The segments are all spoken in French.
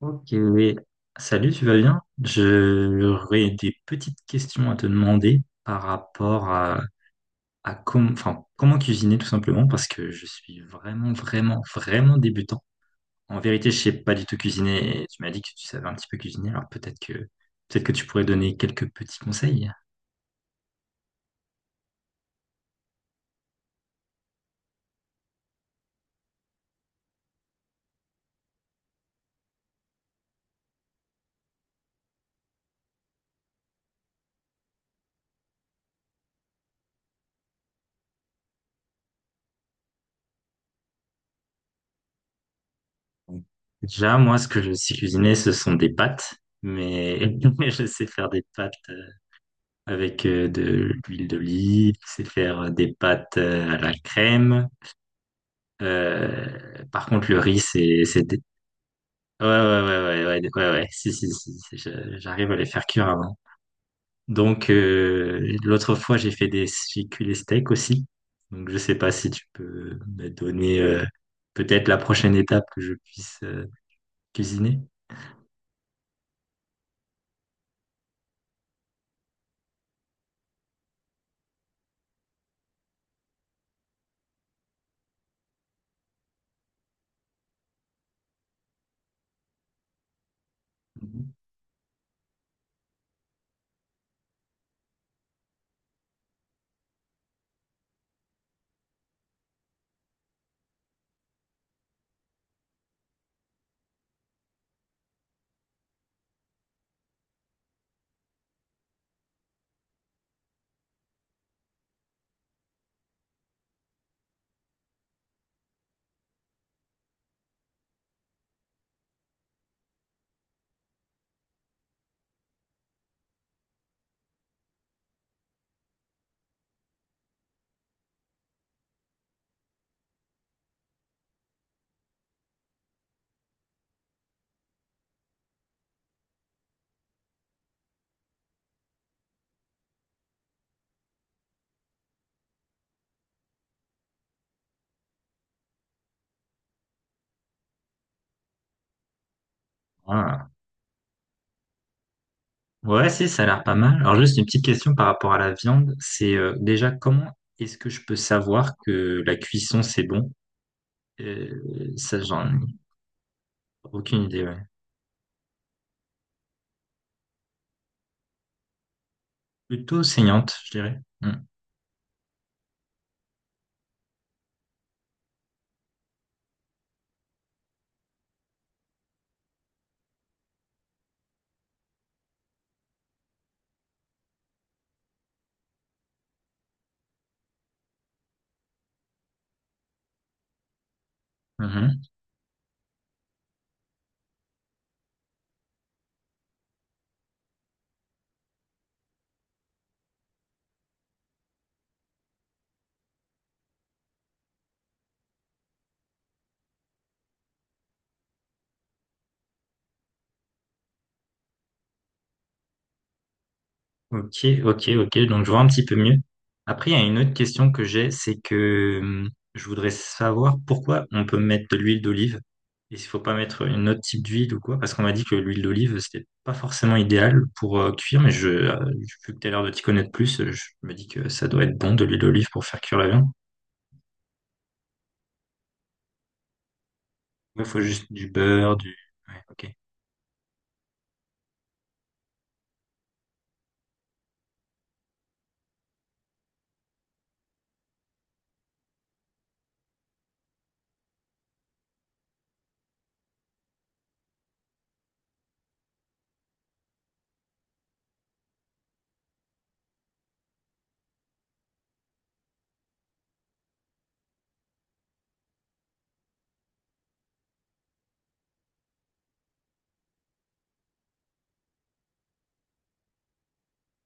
Ok, salut, tu vas bien? J'aurais des petites questions à te demander par rapport à, comment cuisiner tout simplement parce que je suis vraiment, vraiment, vraiment débutant. En vérité, je sais pas du tout cuisiner et tu m'as dit que tu savais un petit peu cuisiner, alors peut-être que tu pourrais donner quelques petits conseils. Déjà, moi, ce que je sais cuisiner, ce sont des pâtes, mais mais je sais faire des pâtes avec de l'huile d'olive, je sais faire des pâtes à la crème. Par contre, le riz, c'est dé- ouais, ouais, ouais, ouais, ouais, ouais, ouais, ouais. Si, si, si, si, j'arrive à les faire cuire avant. Donc, l'autre fois, j'ai cuit les steaks aussi. Donc, je sais pas si tu peux me donner, peut-être la prochaine étape que je puisse, cuisiner. Ah. Ouais, si, ça a l'air pas mal. Alors, juste une petite question par rapport à la viande. C'est, déjà, comment est-ce que je peux savoir que la cuisson, c'est bon? Ça, j'en ai aucune idée. Ouais. Plutôt saignante, je dirais. Mm. Mhm. Ok, ok, ok. Donc, je vois un petit peu mieux. Après, il y a une autre question que j'ai, c'est que je voudrais savoir pourquoi on peut mettre de l'huile d'olive et s'il faut pas mettre une autre type d'huile ou quoi, parce qu'on m'a dit que l'huile d'olive, c'était pas forcément idéal pour cuire, mais je, vu que tu as l'air de t'y connaître plus, je me dis que ça doit être bon de l'huile d'olive pour faire cuire la viande. Il faut juste du beurre, du... Ouais, ok.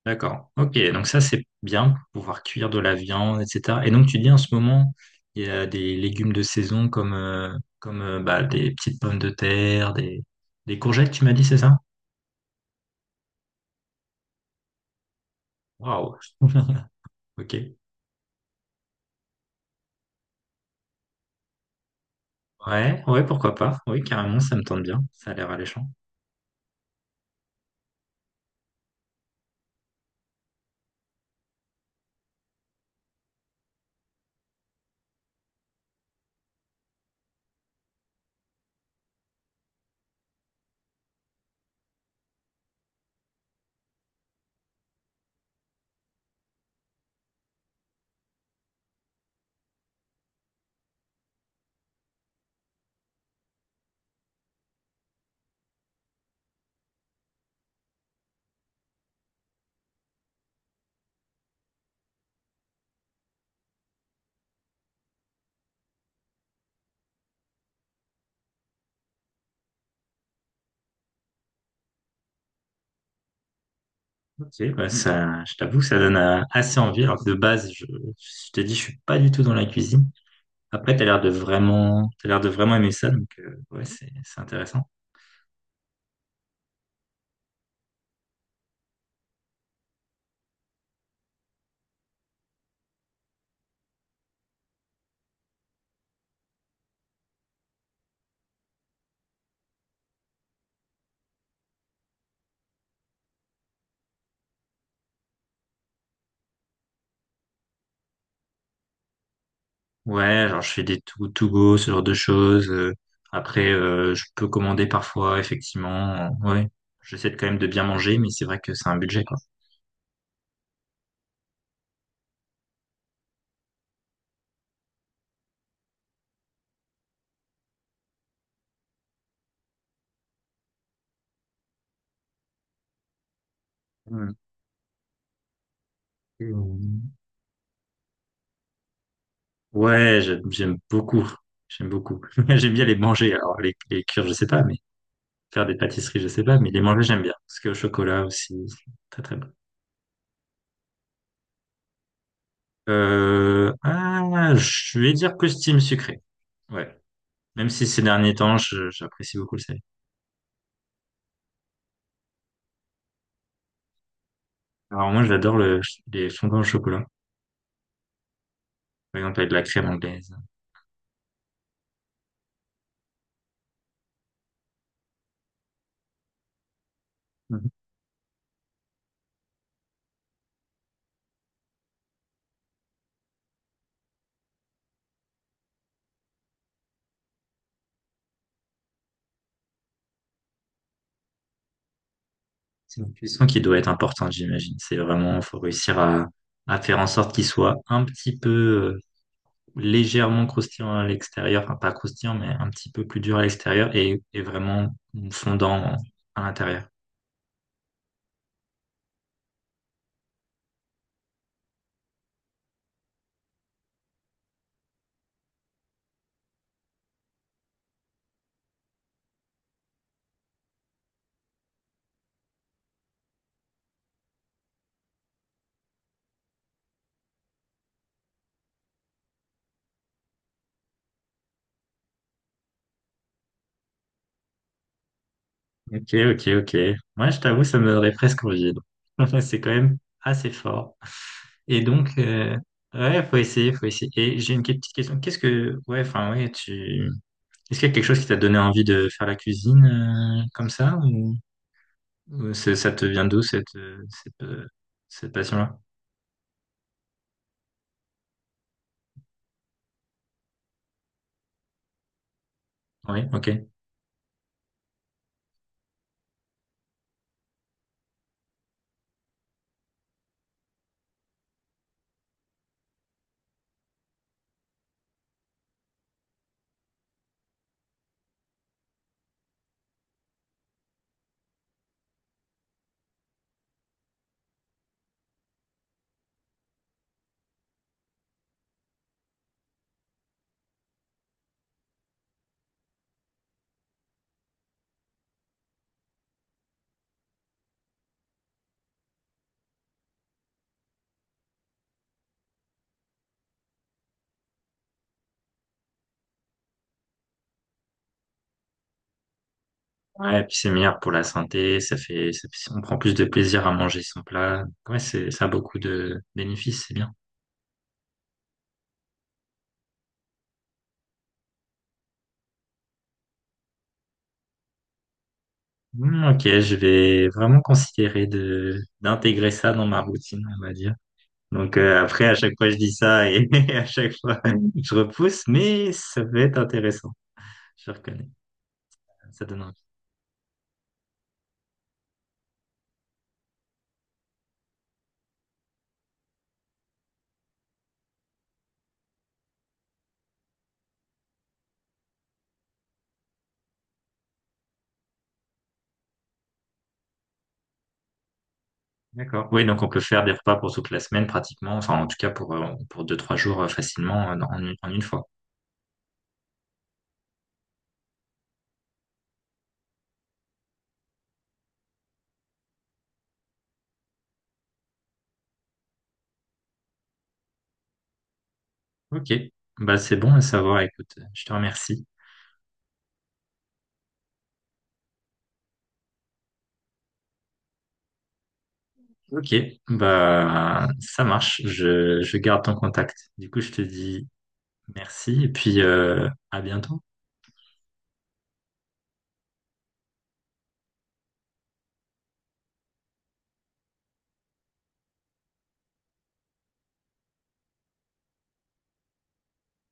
D'accord. Ok, donc ça c'est bien pour pouvoir cuire de la viande, etc. Et donc tu dis en ce moment, il y a des légumes de saison comme, comme bah, des petites pommes de terre, des courgettes, tu m'as dit, c'est ça? Waouh. Ok. Ouais, ouais, pourquoi pas. Oui, carrément, ça me tente bien. Ça a l'air alléchant. Ok, bah, ça, je t'avoue, ça donne assez envie. Alors que de base, je t'ai dit, je suis pas du tout dans la cuisine. Après, t'as l'air de vraiment, t'as l'air de vraiment aimer ça, donc ouais, c'est intéressant. Ouais, genre je fais des to go, ce genre de choses. Après, je peux commander parfois, effectivement. Ouais, quand même de bien manger, mais c'est vrai que c'est un budget, quoi. Mm. Mm. Ouais, j'aime beaucoup. J'aime beaucoup. J'aime bien les manger. Alors les cuire, je sais pas, mais faire des pâtisseries, je sais pas, mais les manger, j'aime bien. Parce que au chocolat aussi, c'est très très bon. Ah, je vais dire costume sucré. Ouais. Même si ces derniers temps, j'apprécie beaucoup le salé. Alors moi, les fondants au chocolat. Par exemple, avec de la crème anglaise. Mhm. C'est une cuisson qui doit être importante, j'imagine. C'est vraiment, faut réussir à faire en sorte qu'il soit un petit peu euh, légèrement croustillant à l'extérieur, enfin pas croustillant, mais un petit peu plus dur à l'extérieur et vraiment fondant à l'intérieur. Ok, ok, ok. Moi, je t'avoue, ça me donnerait presque envie. Donc. C'est quand même assez fort. Et donc, ouais, faut essayer, faut essayer. Et j'ai une petite question. Qu'est-ce que, ouais, enfin, ouais, tu Est-ce qu'il y a quelque chose qui t'a donné envie de faire la cuisine comme ça ou, ça te vient d'où cette cette passion-là? Oui, ok. Ouais, et puis c'est meilleur pour la santé, ça fait, ça on prend plus de plaisir à manger son plat. Ouais, c'est, ça a beaucoup de bénéfices, c'est bien. Hmm, ok, je vais vraiment considérer de d'intégrer ça dans ma routine, on va dire. Donc après, à chaque fois, je dis ça et à chaque fois, je repousse, mais ça peut être intéressant. Je reconnais, ça donne D'accord. Oui, donc on peut faire des repas pour toute la semaine pratiquement, enfin en tout cas pour deux, trois jours facilement une en une fois. Ok. Bah, c'est bon à savoir, écoute, je te remercie. Ok, bah ça marche, je garde ton contact. Du coup, je te dis merci et puis à bientôt.